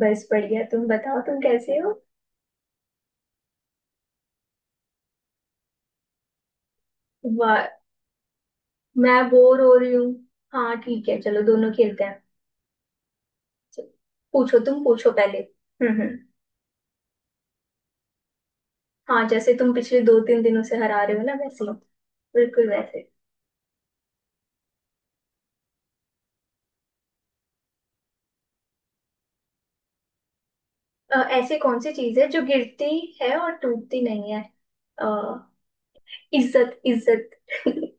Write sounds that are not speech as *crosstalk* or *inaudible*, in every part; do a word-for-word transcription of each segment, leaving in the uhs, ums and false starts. बस बढ़िया। तुम बताओ, तुम कैसे हो? वाह। मैं बोर हो रही हूँ। हाँ ठीक है, चलो दोनों खेलते हैं। चलो, पूछो, तुम पूछो पहले। हम्म, हम्म। हाँ, जैसे तुम पिछले दो तीन दिनों से हरा रहे हो ना, वैसे ही। बिल्कुल वैसे। अ, ऐसी कौन सी चीज है जो गिरती है और टूटती नहीं है? अ, इज्जत, इज्जत। *laughs*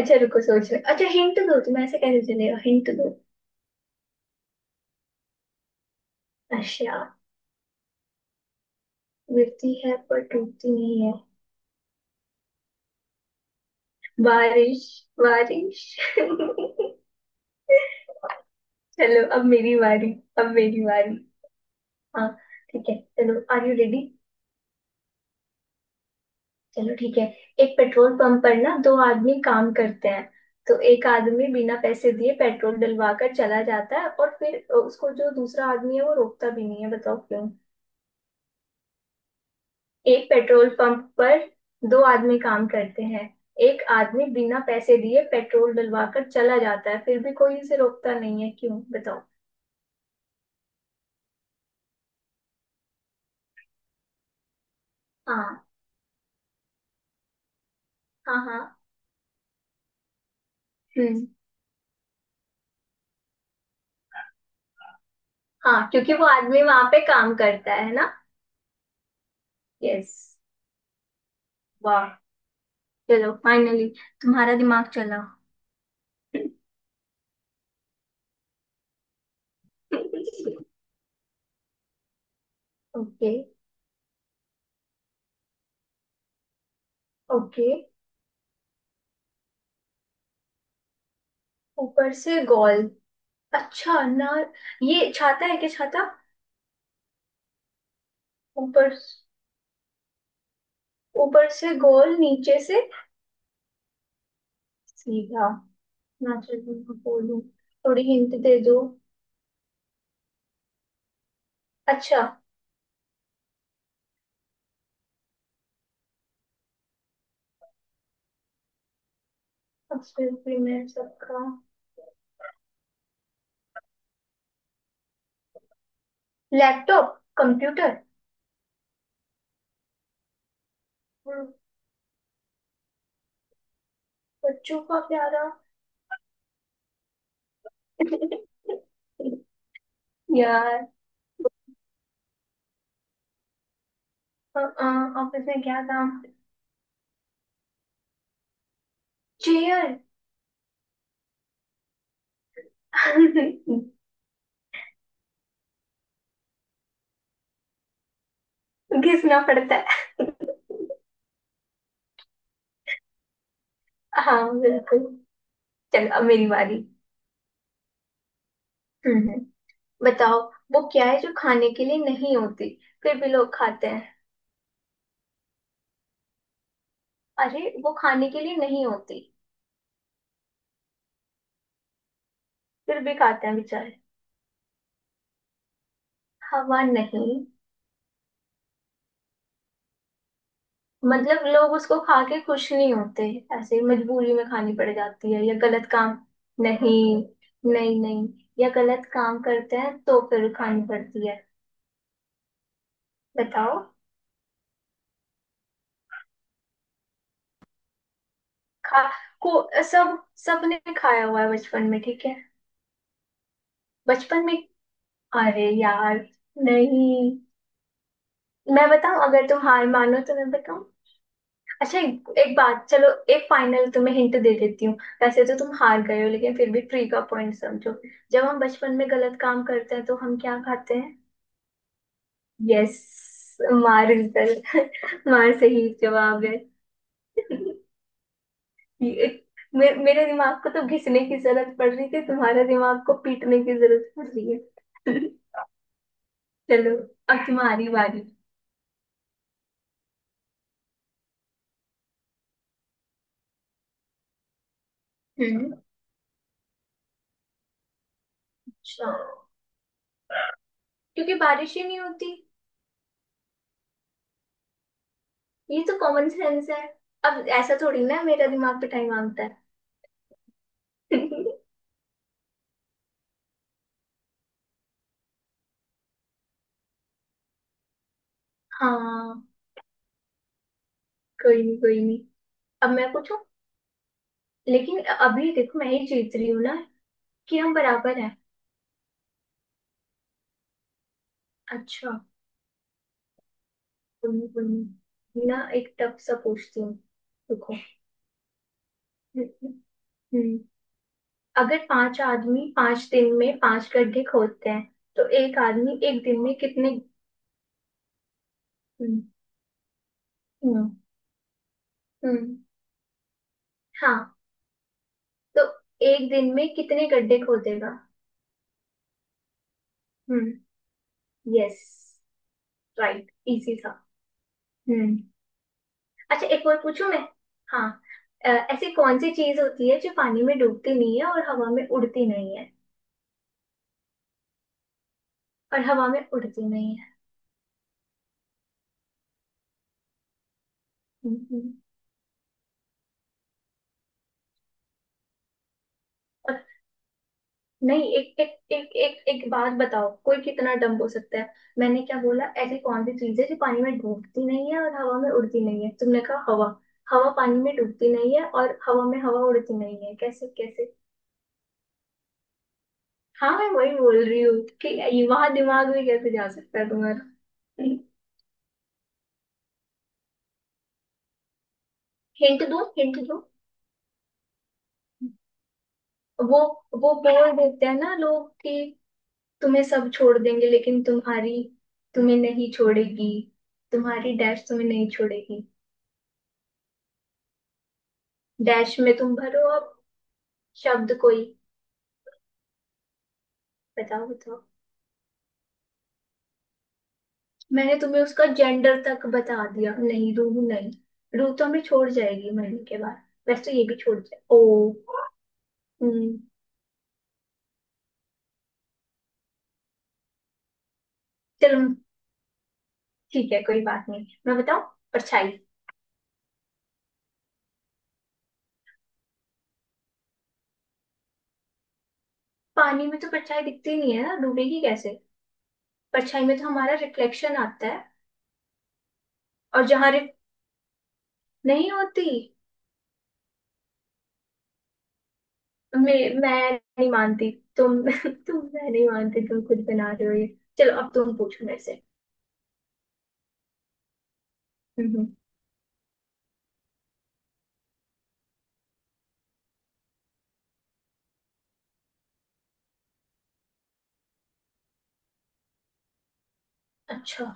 अच्छा, रुको, सोच रहे। अच्छा हिंट दो, तुम ऐसे कैसे चलेगा, हिंट दो। अच्छा। गिरती है पर टूटती नहीं है। बारिश, बारिश। *laughs* चलो अब मेरी बारी, अब मेरी बारी। हाँ ठीक है, चलो, आर यू रेडी? चलो ठीक है। एक पेट्रोल पंप पर ना दो आदमी काम करते हैं। तो एक आदमी बिना पैसे दिए पेट्रोल डलवा कर चला जाता है, और फिर उसको जो दूसरा आदमी है वो रोकता भी नहीं है, बताओ क्यों। एक पेट्रोल पंप पर दो आदमी काम करते हैं। एक आदमी बिना पैसे दिए पेट्रोल डलवा कर चला जाता है, फिर भी कोई उसे रोकता नहीं है, क्यों बताओ? हाँ हाँ हाँ। हम्म। हाँ, क्योंकि वो आदमी वहां पे काम करता है ना। यस। वाह। चलो फाइनली तुम्हारा दिमाग चला। ओके। ओके। ऊपर से गोल। अच्छा ना। ये छाता है क्या, छाता? ऊपर। ऊपर से गोल, नीचे से। सीधा। ना, चलो मैं बोलूं। थोड़ी हिंट दे दो। अच्छा। अब फिर भी मैं सबका। Laptop, computer. हम्म, बच्चों का प्यारा। *laughs* यार। अ, अ, ऑफिस में क्या काम? चेयर। *laughs* घिसना पड़ता है। हाँ बिल्कुल। चलो अब मेरी बारी। हम्म। बताओ, वो क्या है जो खाने के लिए नहीं होती फिर भी लोग खाते हैं? अरे वो खाने के लिए नहीं होती, फिर भी खाते हैं बेचारे। हवा नहीं। मतलब लोग उसको खा के खुश नहीं होते, ऐसे ही मजबूरी में खानी पड़ जाती है, या गलत काम। नहीं, नहीं, नहीं। या गलत काम करते हैं तो फिर खानी पड़ती है। बताओ, खा, को, सब, सबने खाया हुआ है बचपन में, ठीक है। बचपन में। अरे यार, नहीं। मैं बताऊं, अगर तुम हार मानो तो मैं बताऊं। अच्छा एक, एक बात, चलो, एक फाइनल तुम्हें हिंट दे देती हूँ। वैसे तो तुम हार गए हो, लेकिन फिर भी ट्री का पॉइंट समझो। जब हम बचपन में गलत काम करते हैं तो हम क्या खाते हैं? यस। मार, रिजल्ट। *laughs* मार सही जवाब है। *laughs* ये- मे, मेरे दिमाग को तो घिसने की जरूरत पड़ रही थी, तुम्हारे दिमाग को पीटने की जरूरत पड़ रही है। *laughs* चलो अब तुम्हारी बारी। हम्म। अच्छा, क्योंकि बारिश ही नहीं होती। ये तो कॉमन सेंस है। अब ऐसा थोड़ी ना है, मेरा दिमाग पिटाई मांगता है। *laughs* हाँ। कोई नहीं, कोई नहीं। अब मैं पूछूं। लेकिन अभी देखो मैं ही जीत रही हूँ ना, कि हम बराबर हैं। अच्छा। कोई नहीं, कोई नहीं, ना एक टफ सा पूछती हूँ। रुको। हम्म। अगर पांच आदमी पांच दिन में पांच गड्ढे खोदते हैं तो एक आदमी एक दिन में कितने? हम्म। हम्म। हम्म। हाँ। तो एक दिन में कितने गड्ढे खोदेगा? हम्म। यस। राइट, इजी था। हम्म। अच्छा एक और पूछूं मैं। हाँ। अ, ऐसी कौन सी चीज होती है जो पानी में डूबती नहीं है और हवा में उड़ती नहीं है? और हवा में उड़ती नहीं है। हम्म। और नहीं। एक एक एक एक एक बात बताओ, कोई कितना डम्ब हो सकता है? मैंने क्या बोला, ऐसी कौन सी चीज है जो पानी में डूबती नहीं है और हवा में उड़ती नहीं है, तुमने कहा हवा। हवा पानी में डूबती नहीं है और हवा में हवा उड़ती नहीं है, कैसे कैसे! हाँ मैं वही बोल रही हूँ कि वहां दिमाग भी कैसे जा सकता है तुम्हारा। हिंट दूं, हिंट दूं? वो वो बोल देते हैं ना लोग कि तुम्हें सब छोड़ देंगे लेकिन तुम्हारी, तुम्हें नहीं छोड़ेगी, तुम्हारी डैश तुम्हें नहीं छोड़ेगी। डैश में तुम भरो अब। शब्द कोई। बताओ, बताओ। मैंने तुम्हें उसका जेंडर तक बता दिया, नहीं, रूह नहीं। रूह तो हमें छोड़ जाएगी मरने के बाद। वैसे तो ये भी छोड़ जाए, ओ। हम्म। चलो ठीक है, कोई बात नहीं, मैं बताऊं। परछाई। पानी में तो परछाई दिखती नहीं है ना, डूबेगी कैसे? परछाई में तो हमारा रिफ्लेक्शन आता है, और जहां रिफ नहीं होती। मैं मैं नहीं मानती, तुम। *laughs* तुम मैं नहीं मानती, तुम खुद बना रहे हो ये। चलो अब तुम पूछो मेरे से। हम्म। अच्छा,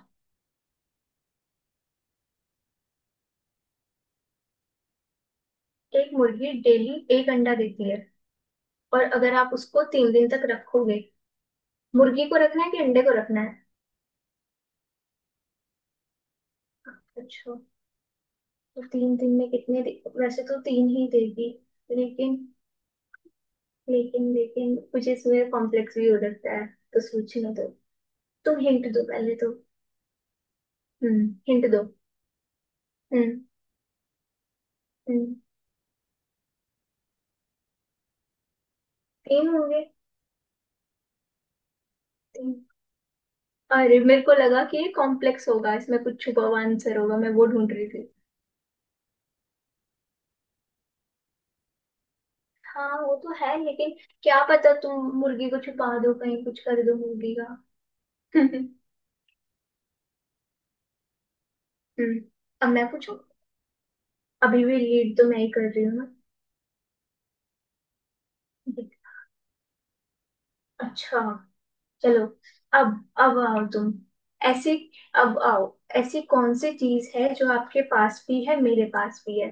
एक मुर्गी डेली एक अंडा देती है, और अगर आप उसको तीन दिन तक रखोगे। मुर्गी को रखना है कि अंडे को रखना है? अच्छा। तो तीन दिन में कितने दे... वैसे तो तीन ही देगी, लेकिन, लेकिन लेकिन कुछ इसमें कॉम्प्लेक्स भी हो सकता है, तो सोचने दो। तुम हिंट दो पहले तो। हम्म, हिंट दो। हम्म, हम्म। तीन होंगे। तीन। अरे मेरे को लगा कि ये कॉम्प्लेक्स होगा, इसमें कुछ छुपा हुआ आंसर होगा, मैं वो ढूंढ रही थी। हाँ वो तो है, लेकिन क्या पता तुम मुर्गी को छुपा दो कहीं, कुछ कर दो मुर्गी का। *laughs* हम्म। अब मैं पूछूं। अभी भी लीड तो मैं ही कर रही हूँ ना। देख- अच्छा, चलो। अब अब आओ तुम। ऐसी, अब आओ। ऐसी कौन सी चीज है जो आपके पास भी है, मेरे पास भी है,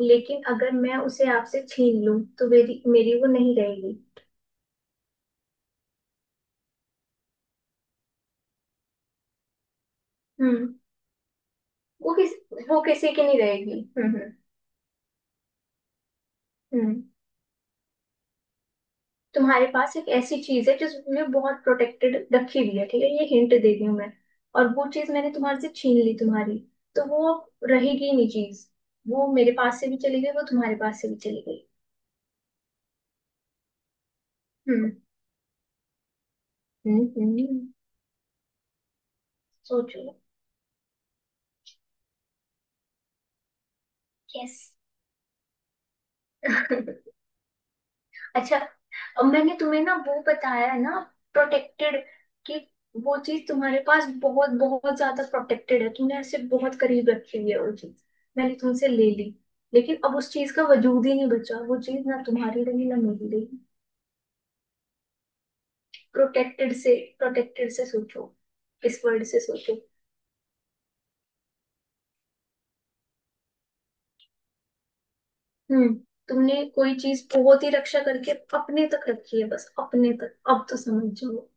लेकिन अगर मैं उसे आपसे छीन लूं तो मेरी मेरी वो नहीं रहेगी। हम्म। वो किस वो किसी की नहीं रहेगी। हम्म, हम्म, हम्म। तुम्हारे पास एक ऐसी चीज है जिसमें बहुत प्रोटेक्टेड रखी हुई है, ठीक है, ये हिंट दे रही हूँ मैं। और वो चीज मैंने तुम्हारे से छीन ली तुम्हारी, तो वो अब रहेगी ही नहीं चीज। वो मेरे पास से भी चली गई, वो तुम्हारे पास से भी चली गई। हम्म, हम्म, हम्म। सोचो। यस। *laughs* अच्छा, अब मैंने तुम्हें ना वो बताया ना, प्रोटेक्टेड, कि वो चीज तुम्हारे पास बहुत बहुत ज्यादा प्रोटेक्टेड है, तुमने ऐसे बहुत करीब रखी हुई है वो चीज। मैंने तुमसे ले ली, लेकिन अब उस चीज का वजूद ही नहीं बचा, वो चीज ना तुम्हारी रही ना मेरी रही। प्रोटेक्टेड से, प्रोटेक्टेड से सोचो, इस वर्ड से सोचो। हम्म। तुमने कोई चीज बहुत ही रक्षा करके अपने तक रखी है, बस अपने तक, अब तो समझ जाओ।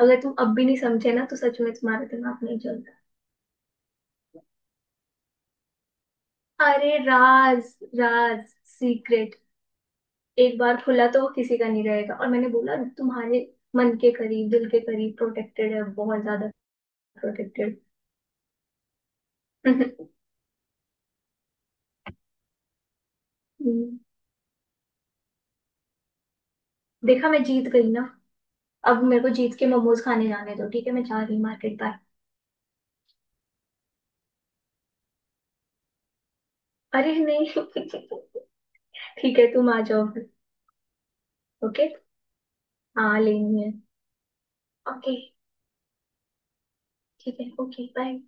अगर तुम अब भी नहीं समझे ना तो सच में तुम्हारा दिमाग नहीं चल। अरे राज, राज, सीक्रेट। एक बार खुला तो किसी का नहीं रहेगा, और मैंने बोला तुम्हारे मन के करीब दिल के करीब प्रोटेक्टेड है, बहुत ज्यादा प्रोटेक्टेड। *laughs* देखा, मैं जीत गई ना। अब मेरे को जीत के मोमोज खाने जाने दो, ठीक है, मैं जा रही मार्केट, बाय। अरे नहीं। *laughs* ठीक है, तुम आ जाओ फिर। ओके। हाँ लेनी है। ओके ठीक है, ओके, बाय।